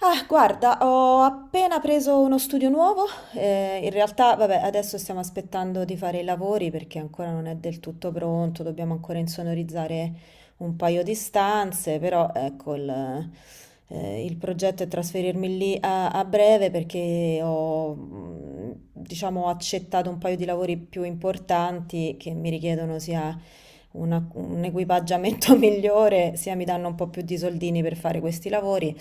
Ah, guarda, ho appena preso uno studio nuovo. In realtà, vabbè, adesso stiamo aspettando di fare i lavori perché ancora non è del tutto pronto, dobbiamo ancora insonorizzare un paio di stanze, però ecco, il progetto è trasferirmi lì a breve perché ho, diciamo, accettato un paio di lavori più importanti che mi richiedono sia un equipaggiamento migliore, sia mi danno un po' più di soldini per fare questi lavori.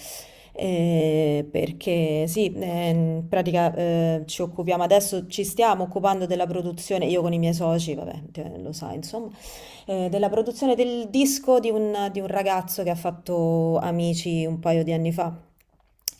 Perché sì, in pratica ci stiamo occupando della produzione, io con i miei soci, vabbè, lo sai, insomma, della produzione del disco di un ragazzo che ha fatto Amici un paio di anni fa.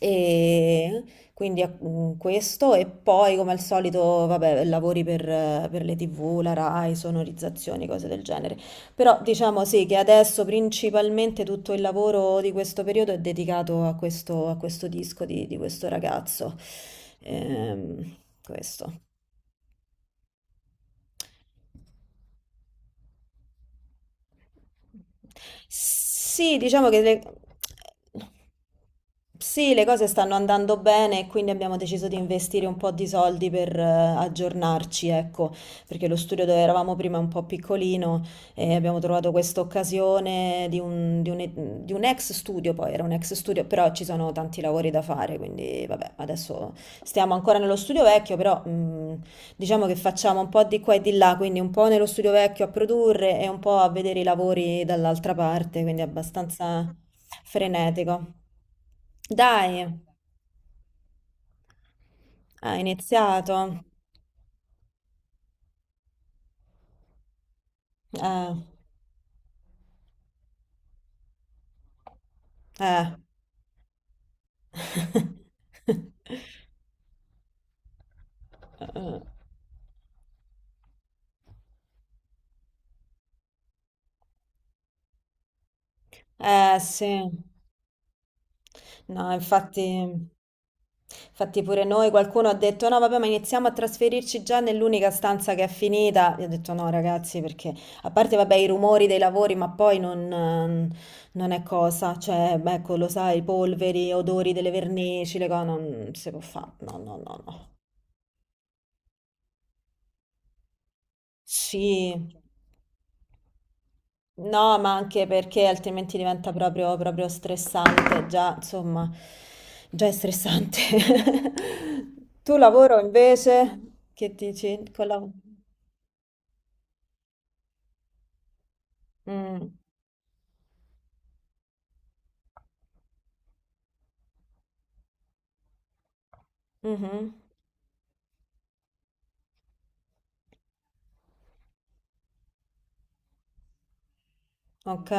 E quindi questo e poi come al solito, vabbè, lavori per le TV, la Rai, sonorizzazioni, cose del genere. Però diciamo sì che adesso principalmente tutto il lavoro di questo periodo è dedicato a questo disco di questo ragazzo. Ehm, questo. Sì, diciamo che le... Sì, le cose stanno andando bene e quindi abbiamo deciso di investire un po' di soldi per aggiornarci, ecco, perché lo studio dove eravamo prima è un po' piccolino e abbiamo trovato questa occasione di un ex studio, poi era un ex studio, però ci sono tanti lavori da fare, quindi vabbè, adesso stiamo ancora nello studio vecchio, però diciamo che facciamo un po' di qua e di là, quindi un po' nello studio vecchio a produrre e un po' a vedere i lavori dall'altra parte, quindi abbastanza frenetico. Dai, ha iniziato. Eh, eh. Eh sì. No, infatti, infatti pure noi qualcuno ha detto no, vabbè, ma iniziamo a trasferirci già nell'unica stanza che è finita. Io ho detto no, ragazzi, perché a parte, vabbè, i rumori dei lavori, ma poi non, non è cosa. Cioè, beh, ecco, lo sai, polveri, odori delle vernici, le cose, non si può fare. No, no, no, no. Sì. No, ma anche perché altrimenti diventa proprio stressante, già, insomma, già è stressante. Tu lavoro invece, che dici? Mm, mhm, ok,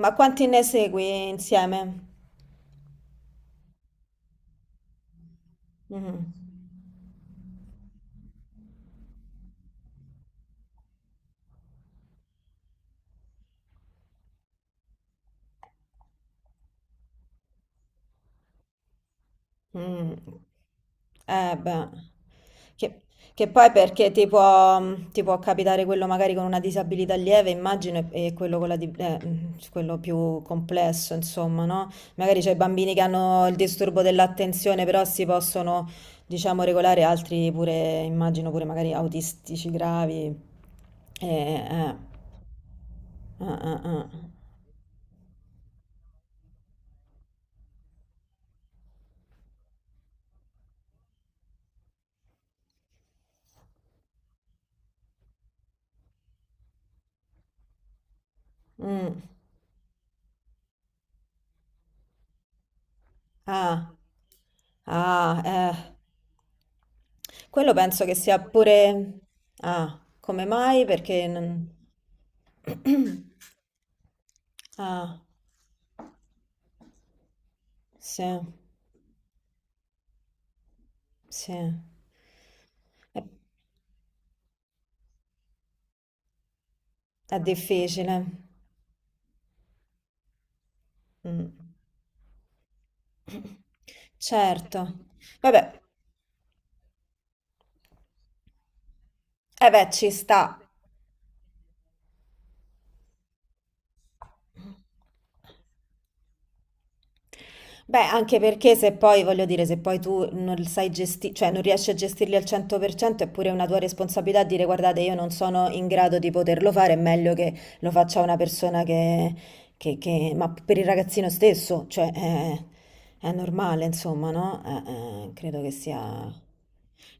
ma quanti ne segui insieme? Mhm. Mm. Eh beh, che, che poi ti può capitare quello magari con una disabilità lieve, immagino, e quello, con la quello più complesso, insomma, no? Magari c'è i bambini che hanno il disturbo dell'attenzione, però si possono, diciamo, regolare, altri pure, immagino pure magari autistici gravi. Eh, eh. Ah, ah, ah. Mm. Ah, ah, eh. Quello penso che sia pure... Ah, come mai? Perché... Ah, sì, sì. È, è difficile. Mm. Certo. Vabbè, eh beh, ci sta. Beh, anche perché se poi, voglio dire, se poi tu non sai gestire, cioè non riesci a gestirli al 100%, è pure una tua responsabilità dire guardate, io non sono in grado di poterlo fare, è meglio che lo faccia una persona che, ma per il ragazzino stesso, è normale, insomma, no? Credo che sia.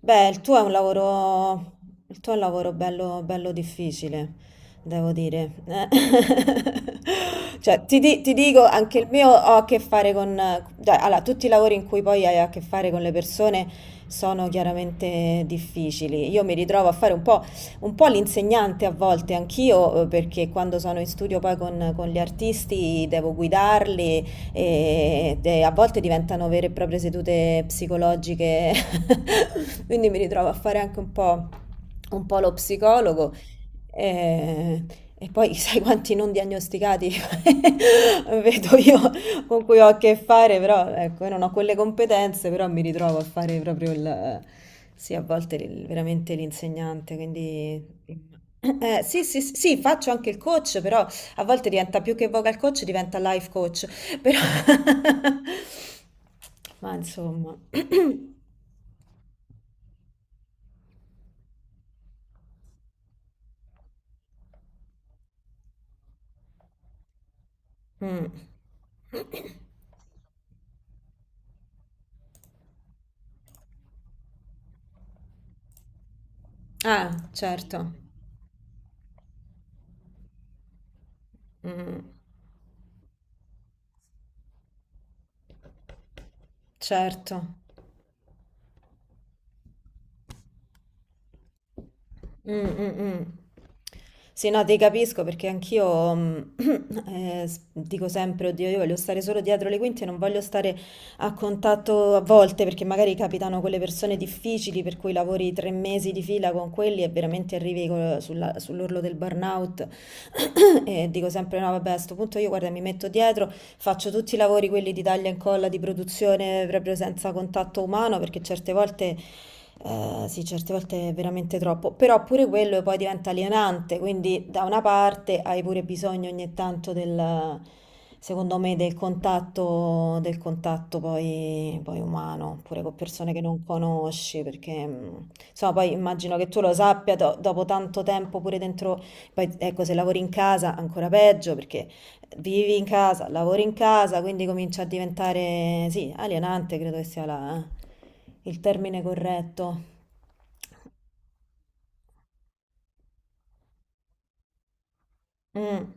Beh, il tuo è un lavoro, il tuo è un lavoro bello, bello difficile, devo dire. Cioè, ti dico, anche il mio ho a che fare con... cioè, allora, tutti i lavori in cui poi hai a che fare con le persone sono chiaramente difficili. Io mi ritrovo a fare un po' l'insegnante a volte, anch'io, perché quando sono in studio poi con gli artisti devo guidarli e a volte diventano vere e proprie sedute psicologiche, quindi mi ritrovo a fare anche un po' lo psicologo. E, e poi sai quanti non diagnosticati vedo io con cui ho a che fare, però ecco, io non ho quelle competenze, però mi ritrovo a fare proprio il, sì, a volte veramente l'insegnante, quindi sì, sì, sì, sì, faccio anche il coach, però a volte diventa più che vocal coach, diventa life coach, però... Ma insomma... Mm. Ah, certo. Mm, certo. Mm, mm, mm. Sì, no, ti capisco perché anch'io dico sempre, oddio, io voglio stare solo dietro le quinte, non voglio stare a contatto a volte, perché magari capitano quelle persone difficili per cui lavori tre mesi di fila con quelli e veramente arrivi sull'orlo del burnout. E dico sempre no, vabbè, a sto punto io guarda, mi metto dietro, faccio tutti i lavori quelli di taglia e incolla, di produzione proprio senza contatto umano, perché certe volte sì, certe volte è veramente troppo, però pure quello poi diventa alienante, quindi da una parte hai pure bisogno ogni tanto del. Secondo me del contatto, poi umano, pure con persone che non conosci, perché insomma poi immagino che tu lo sappia dopo tanto tempo pure dentro, poi ecco se lavori in casa ancora peggio perché vivi in casa, lavori in casa, quindi comincia a diventare, sì, alienante credo che sia il termine corretto. Mm,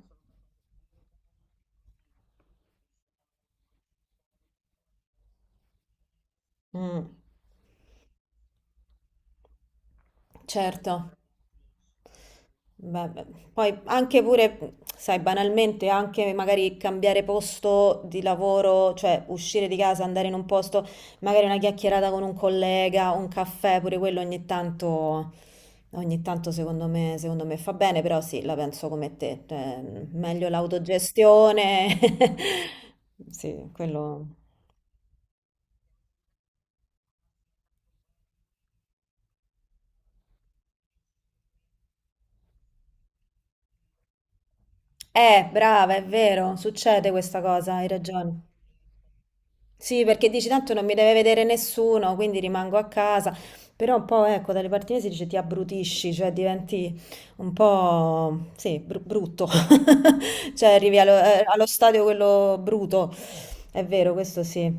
mm, certo. Beh, beh, poi anche pure, sai, banalmente, anche magari cambiare posto di lavoro, cioè uscire di casa, andare in un posto, magari una chiacchierata con un collega, un caffè, pure quello ogni tanto, secondo me, fa bene, però sì, la penso come te, cioè, meglio l'autogestione. Sì, quello. Brava, è vero, succede questa cosa, hai ragione. Sì, perché dici tanto non mi deve vedere nessuno, quindi rimango a casa. Però un po', ecco, dalle parti mie si dice ti abbrutisci, cioè diventi un po', sì, brutto. Cioè arrivi allo, allo stadio quello bruto. È vero, questo sì.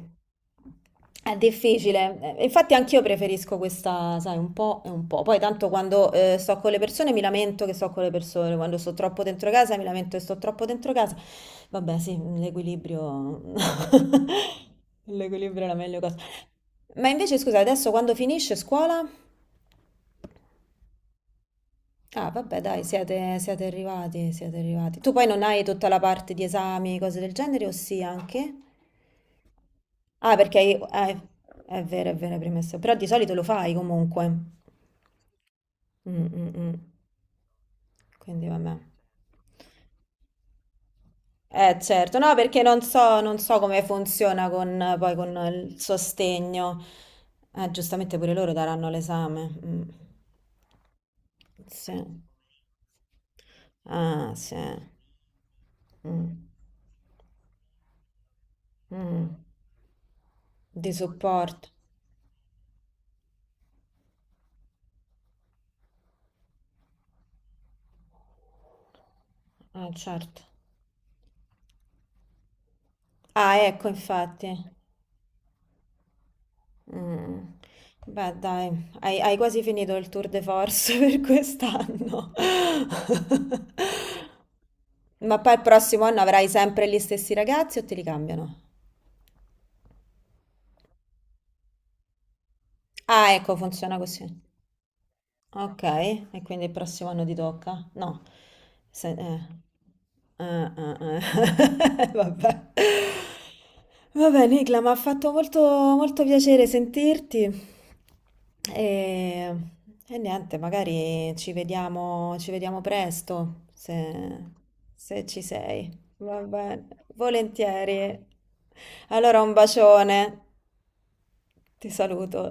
È difficile. Infatti anch'io preferisco questa, sai, un po' e un po'. Poi tanto quando sto con le persone mi lamento che sto con le persone, quando sto troppo dentro casa mi lamento che sto troppo dentro casa. Vabbè, sì, l'equilibrio... L'equilibrio è la meglio cosa. Ma invece scusa, adesso quando finisce scuola? Ah, vabbè, dai, siete arrivati, siete arrivati. Tu poi non hai tutta la parte di esami, cose del genere, o sì anche? Ah, perché è vero, hai premesso. Però di solito lo fai comunque. Mm, mm, mm. Quindi vabbè. Eh certo, no, perché non so, non so come funziona con, poi con il sostegno. Giustamente pure loro daranno l'esame. Mm. Sì. Ah, sì. Mm. Mm. Di supporto. Ah, certo. Ah, ecco, infatti. Mm. Beh, dai, hai, hai quasi finito il tour de force per quest'anno. Ma poi il prossimo anno avrai sempre gli stessi ragazzi o te li cambiano? Ah, ecco, funziona così. Okay, e quindi il prossimo anno ti tocca? No. Se Eh, eh, eh. Vabbè. Vabbè, Nicla, mi ha fatto molto piacere sentirti. E, e niente, magari ci vediamo presto, se, se ci sei. Va bene, volentieri. Allora un bacione, ti saluto.